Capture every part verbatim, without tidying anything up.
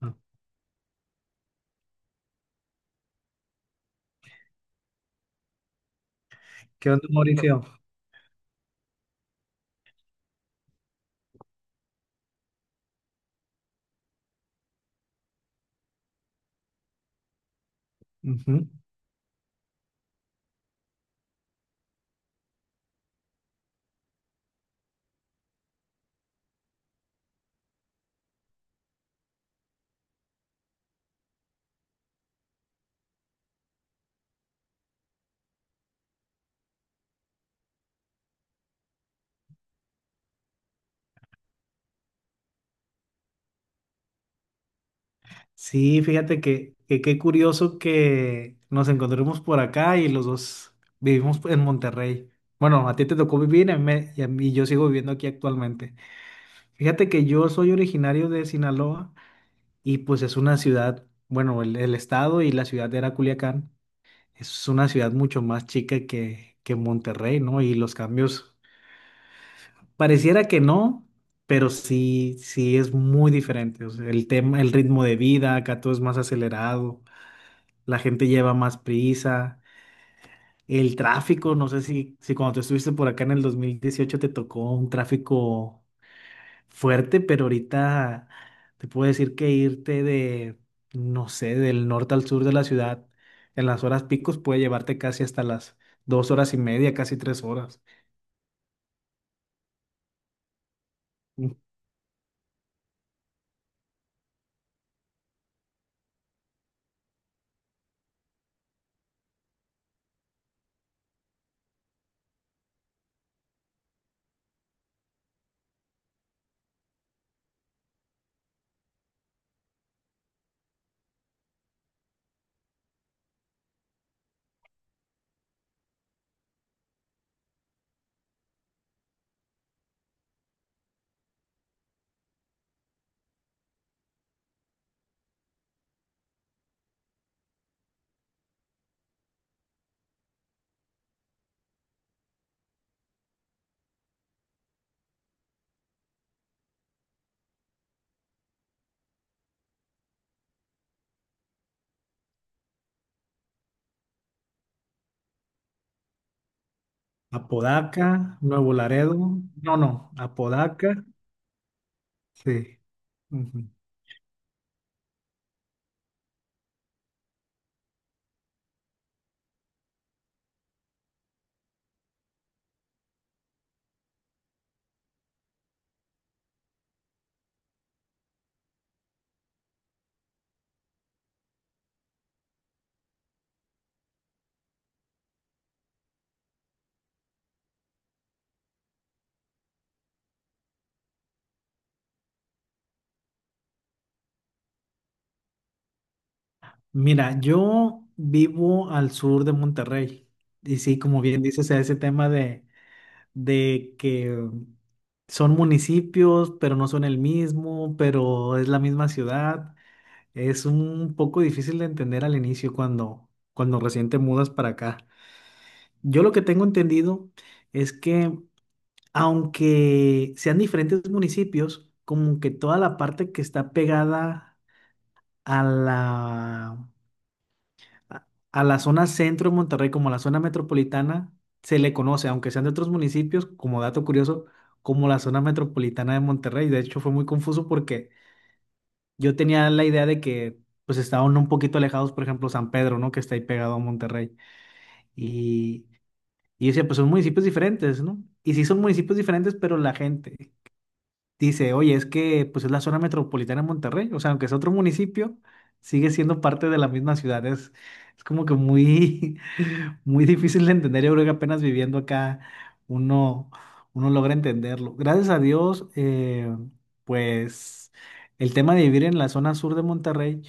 Ah, ¿Qué onda, Mauricio? Ujú. Sí, fíjate que, que qué curioso que nos encontremos por acá y los dos vivimos en Monterrey. Bueno, a ti te tocó vivir y a mí me- y, a mí- yo sigo viviendo aquí actualmente. Fíjate que yo soy originario de Sinaloa y pues es una ciudad, bueno, el, el estado y la ciudad era Culiacán. Es una ciudad mucho más chica que, que Monterrey, ¿no? Y los cambios. Pareciera que no, pero sí, sí es muy diferente. O sea, el tema, el ritmo de vida, acá todo es más acelerado, la gente lleva más prisa, el tráfico, no sé si, si, cuando tú estuviste por acá en el dos mil dieciocho te tocó un tráfico fuerte, pero ahorita te puedo decir que irte de, no sé, del norte al sur de la ciudad en las horas picos puede llevarte casi hasta las dos horas y media, casi tres horas. Apodaca, Nuevo Laredo. No, no, Apodaca. Sí. Ujú. Mira, yo vivo al sur de Monterrey. Y sí, como bien dices, ese tema de, de, que son municipios, pero no son el mismo, pero es la misma ciudad. Es un poco difícil de entender al inicio cuando, cuando recién te mudas para acá. Yo lo que tengo entendido es que aunque sean diferentes municipios, como que toda la parte que está pegada a la, a a la zona centro de Monterrey, como la zona metropolitana, se le conoce, aunque sean de otros municipios, como dato curioso, como la zona metropolitana de Monterrey. De hecho, fue muy confuso porque yo tenía la idea de que pues estaban un poquito alejados, por ejemplo, San Pedro, ¿no? Que está ahí pegado a Monterrey. Y, y yo decía, pues son municipios diferentes, ¿no? Y sí son municipios diferentes, pero la gente. Dice, oye, es que pues es la zona metropolitana de Monterrey, o sea, aunque es otro municipio, sigue siendo parte de la misma ciudad. Es, es como que muy, muy difícil de entender. Yo creo que apenas viviendo acá uno, uno logra entenderlo. Gracias a Dios, eh, pues el tema de vivir en la zona sur de Monterrey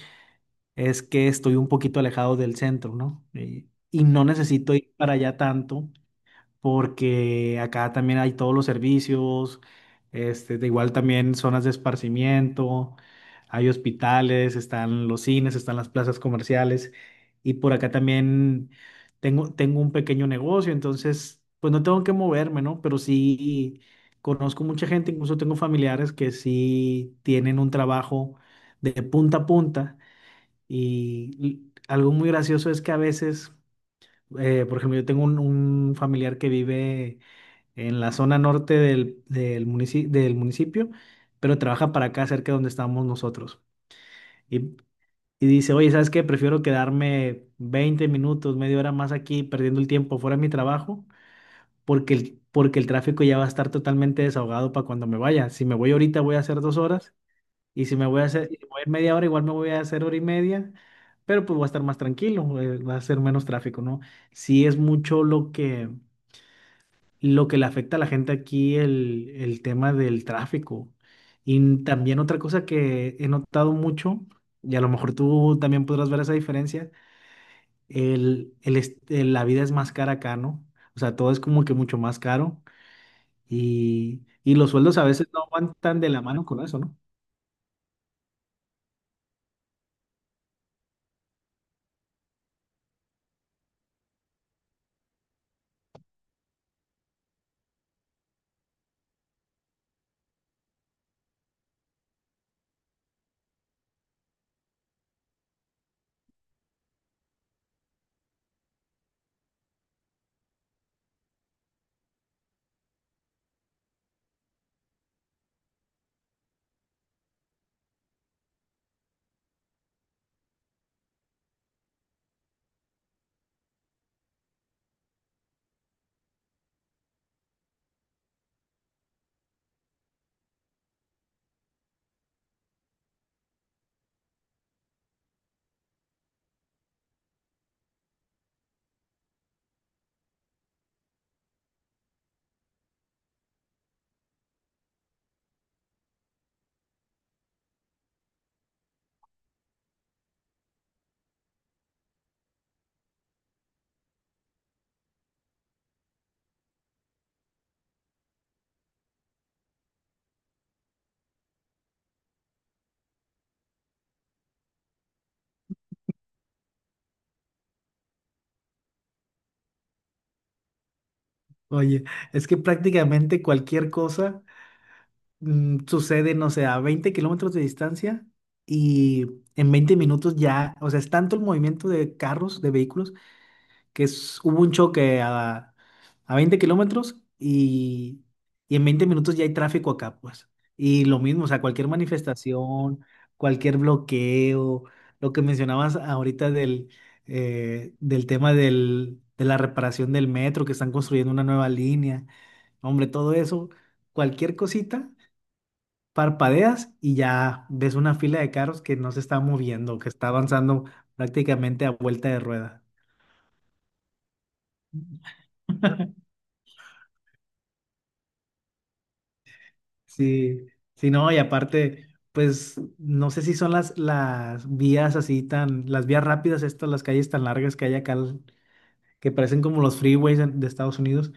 es que estoy un poquito alejado del centro, ¿no? Y, y no necesito ir para allá tanto porque acá también hay todos los servicios, este, de igual también zonas de esparcimiento, hay hospitales, están los cines, están las plazas comerciales y por acá también tengo, tengo un pequeño negocio, entonces pues no tengo que moverme, ¿no? Pero sí conozco mucha gente, incluso tengo familiares que sí tienen un trabajo de punta a punta y y algo muy gracioso es que a veces, eh, por ejemplo, yo tengo un un familiar que vive en la zona norte del, del munici- del municipio, pero trabaja para acá cerca de donde estamos nosotros. Y, y dice, oye, ¿sabes qué? Prefiero quedarme veinte minutos, media hora más aquí, perdiendo el tiempo fuera de mi trabajo, porque el, porque el tráfico ya va a estar totalmente desahogado para cuando me vaya. Si me voy ahorita voy a hacer dos horas, y si me voy a hacer, y voy a ir media hora, igual me voy a hacer hora y media. Pero pues voy a estar más tranquilo, eh, va a ser menos tráfico, ¿no? Si es mucho lo que, lo que le afecta a la gente aquí el, el tema del tráfico. Y también otra cosa que he notado mucho, y a lo mejor tú también podrás ver esa diferencia, el, el, est- el- la vida es más cara acá, ¿no? O sea, todo es como que mucho más caro y, y los sueldos a veces no van tan de la mano con eso, ¿no? Oye, es que prácticamente cualquier cosa mm, sucede, no sé, a veinte kilómetros de distancia y en veinte minutos ya, o sea, es tanto el movimiento de carros, de vehículos, que es- hubo un choque a, a veinte kilómetros y, y en veinte minutos ya hay tráfico acá, pues. Y lo mismo, o sea, cualquier manifestación, cualquier bloqueo, lo que mencionabas ahorita del, eh, del tema del, de la reparación del metro, que están construyendo una nueva línea, hombre, todo eso, cualquier cosita. Parpadeas y ya ves una fila de carros que no se está moviendo, que está avanzando prácticamente a vuelta de rueda. Sí, sí, no, y aparte, pues no sé si son las, las, vías así tan, las vías rápidas estas, las calles tan largas que hay acá, l- que parecen como los freeways en- de Estados Unidos,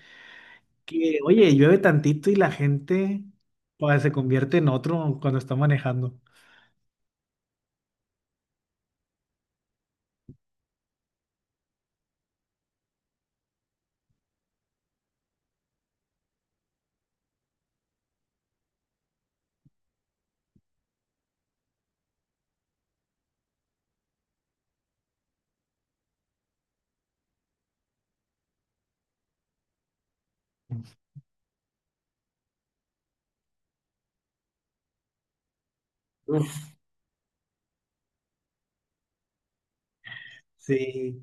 que oye, llueve tantito y la gente pues, se convierte en otro cuando está manejando. Uf. Sí.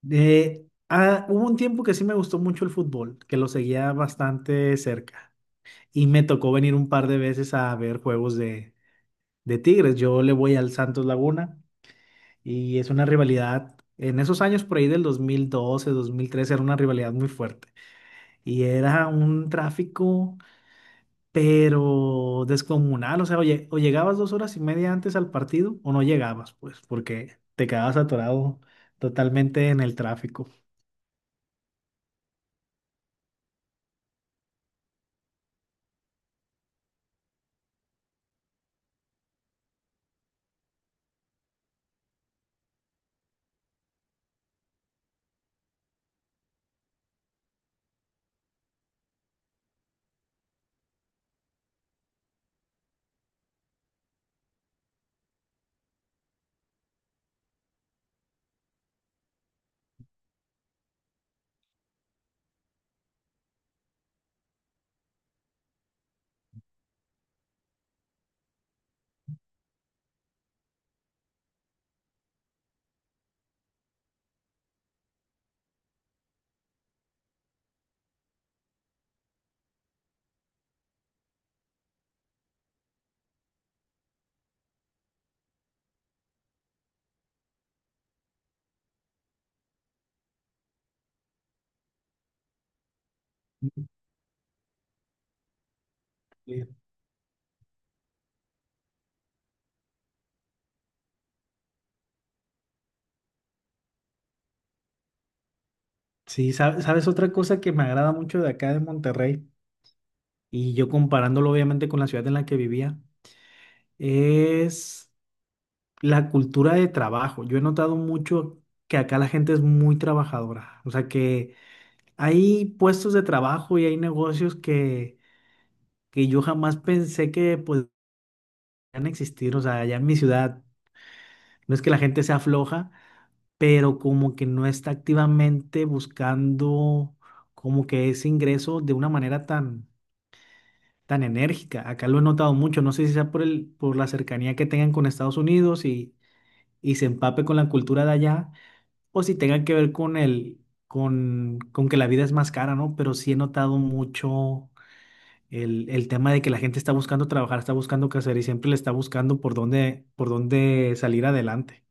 De, ah, hubo un tiempo que sí me gustó mucho el fútbol, que lo seguía bastante cerca. Y me tocó venir un par de veces a ver juegos de, de Tigres. Yo le voy al Santos Laguna. Y es una rivalidad, en esos años por ahí del dos dos mil doce, dos mil dos mil trece, era una rivalidad muy fuerte. Y era un tráfico, pero descomunal. O sea, o, lle- o llegabas dos horas y media antes al partido o no llegabas, pues, porque te quedabas atorado totalmente en el tráfico. Sí, sí, sa- sabes otra cosa que me agrada mucho de acá de Monterrey, y yo comparándolo obviamente con la ciudad en la que vivía, es la cultura de trabajo. Yo he notado mucho que acá la gente es muy trabajadora. O sea que hay puestos de trabajo y hay negocios que, que yo jamás pensé que podrían existir. O sea, allá en mi ciudad no es que la gente sea floja, pero como que no está activamente buscando como que ese ingreso de una manera tan, tan enérgica. Acá lo he notado mucho. No sé si sea por el, por la cercanía que tengan con Estados Unidos y, y se empape con la cultura de allá o si tenga que ver con el, con, con que la vida es más cara, ¿no? Pero sí he notado mucho el, el tema de que la gente está buscando trabajar, está buscando qué hacer y siempre le está buscando por dónde, por dónde salir adelante.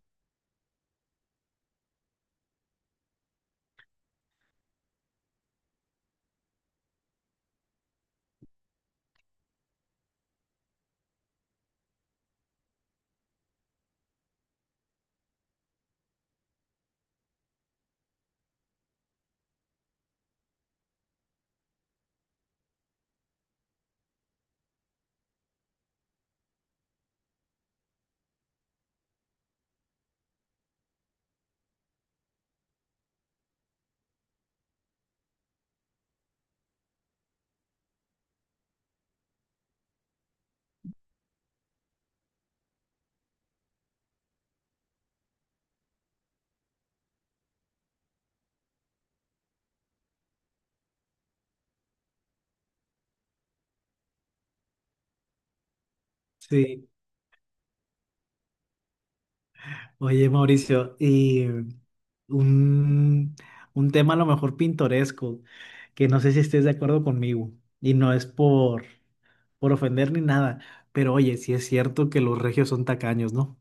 Sí. Oye, Mauricio, y un, un tema a lo mejor pintoresco, que no sé si estés de acuerdo conmigo, y no es por, por ofender ni nada, pero oye, sí es cierto que los regios son tacaños, ¿no?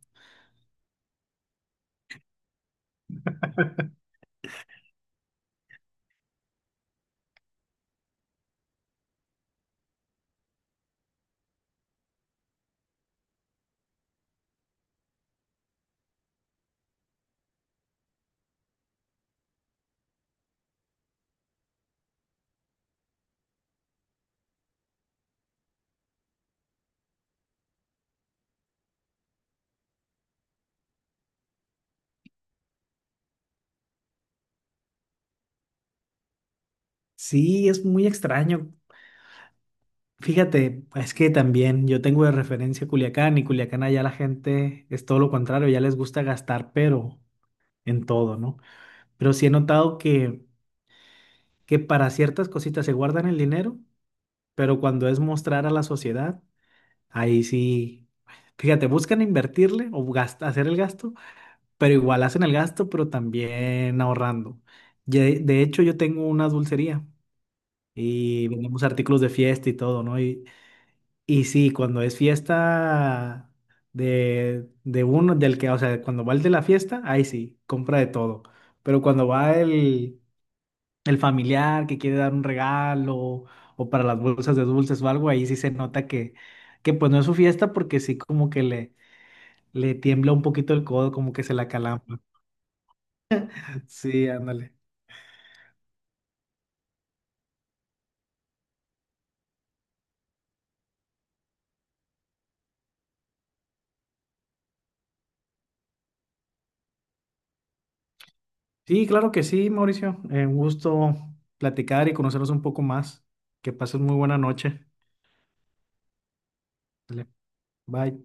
Sí, es muy extraño. Fíjate, es que también yo tengo de referencia Culiacán y Culiacán allá la gente es todo lo contrario, ya les gusta gastar, pero en todo, ¿no? Pero sí he notado que, que para ciertas cositas se guardan el dinero, pero cuando es mostrar a la sociedad, ahí sí, fíjate, buscan invertirle o gast- hacer el gasto, pero igual hacen el gasto, pero también ahorrando. Ye- De hecho, yo tengo una dulcería y vendemos artículos de fiesta y todo, ¿no? Y sí, cuando es fiesta de, de, uno, del que, o sea, cuando va el de la fiesta, ahí sí, compra de todo. Pero cuando va el, el familiar que quiere dar un regalo o para las bolsas de dulces o algo, ahí sí se nota que, que, pues no es su fiesta porque sí como que le, le tiembla un poquito el codo, como que se la calambra. Sí, ándale. Sí, claro que sí, Mauricio. Eh, un gusto platicar y conocernos un poco más. Que pases muy buena noche. Dale, Bye.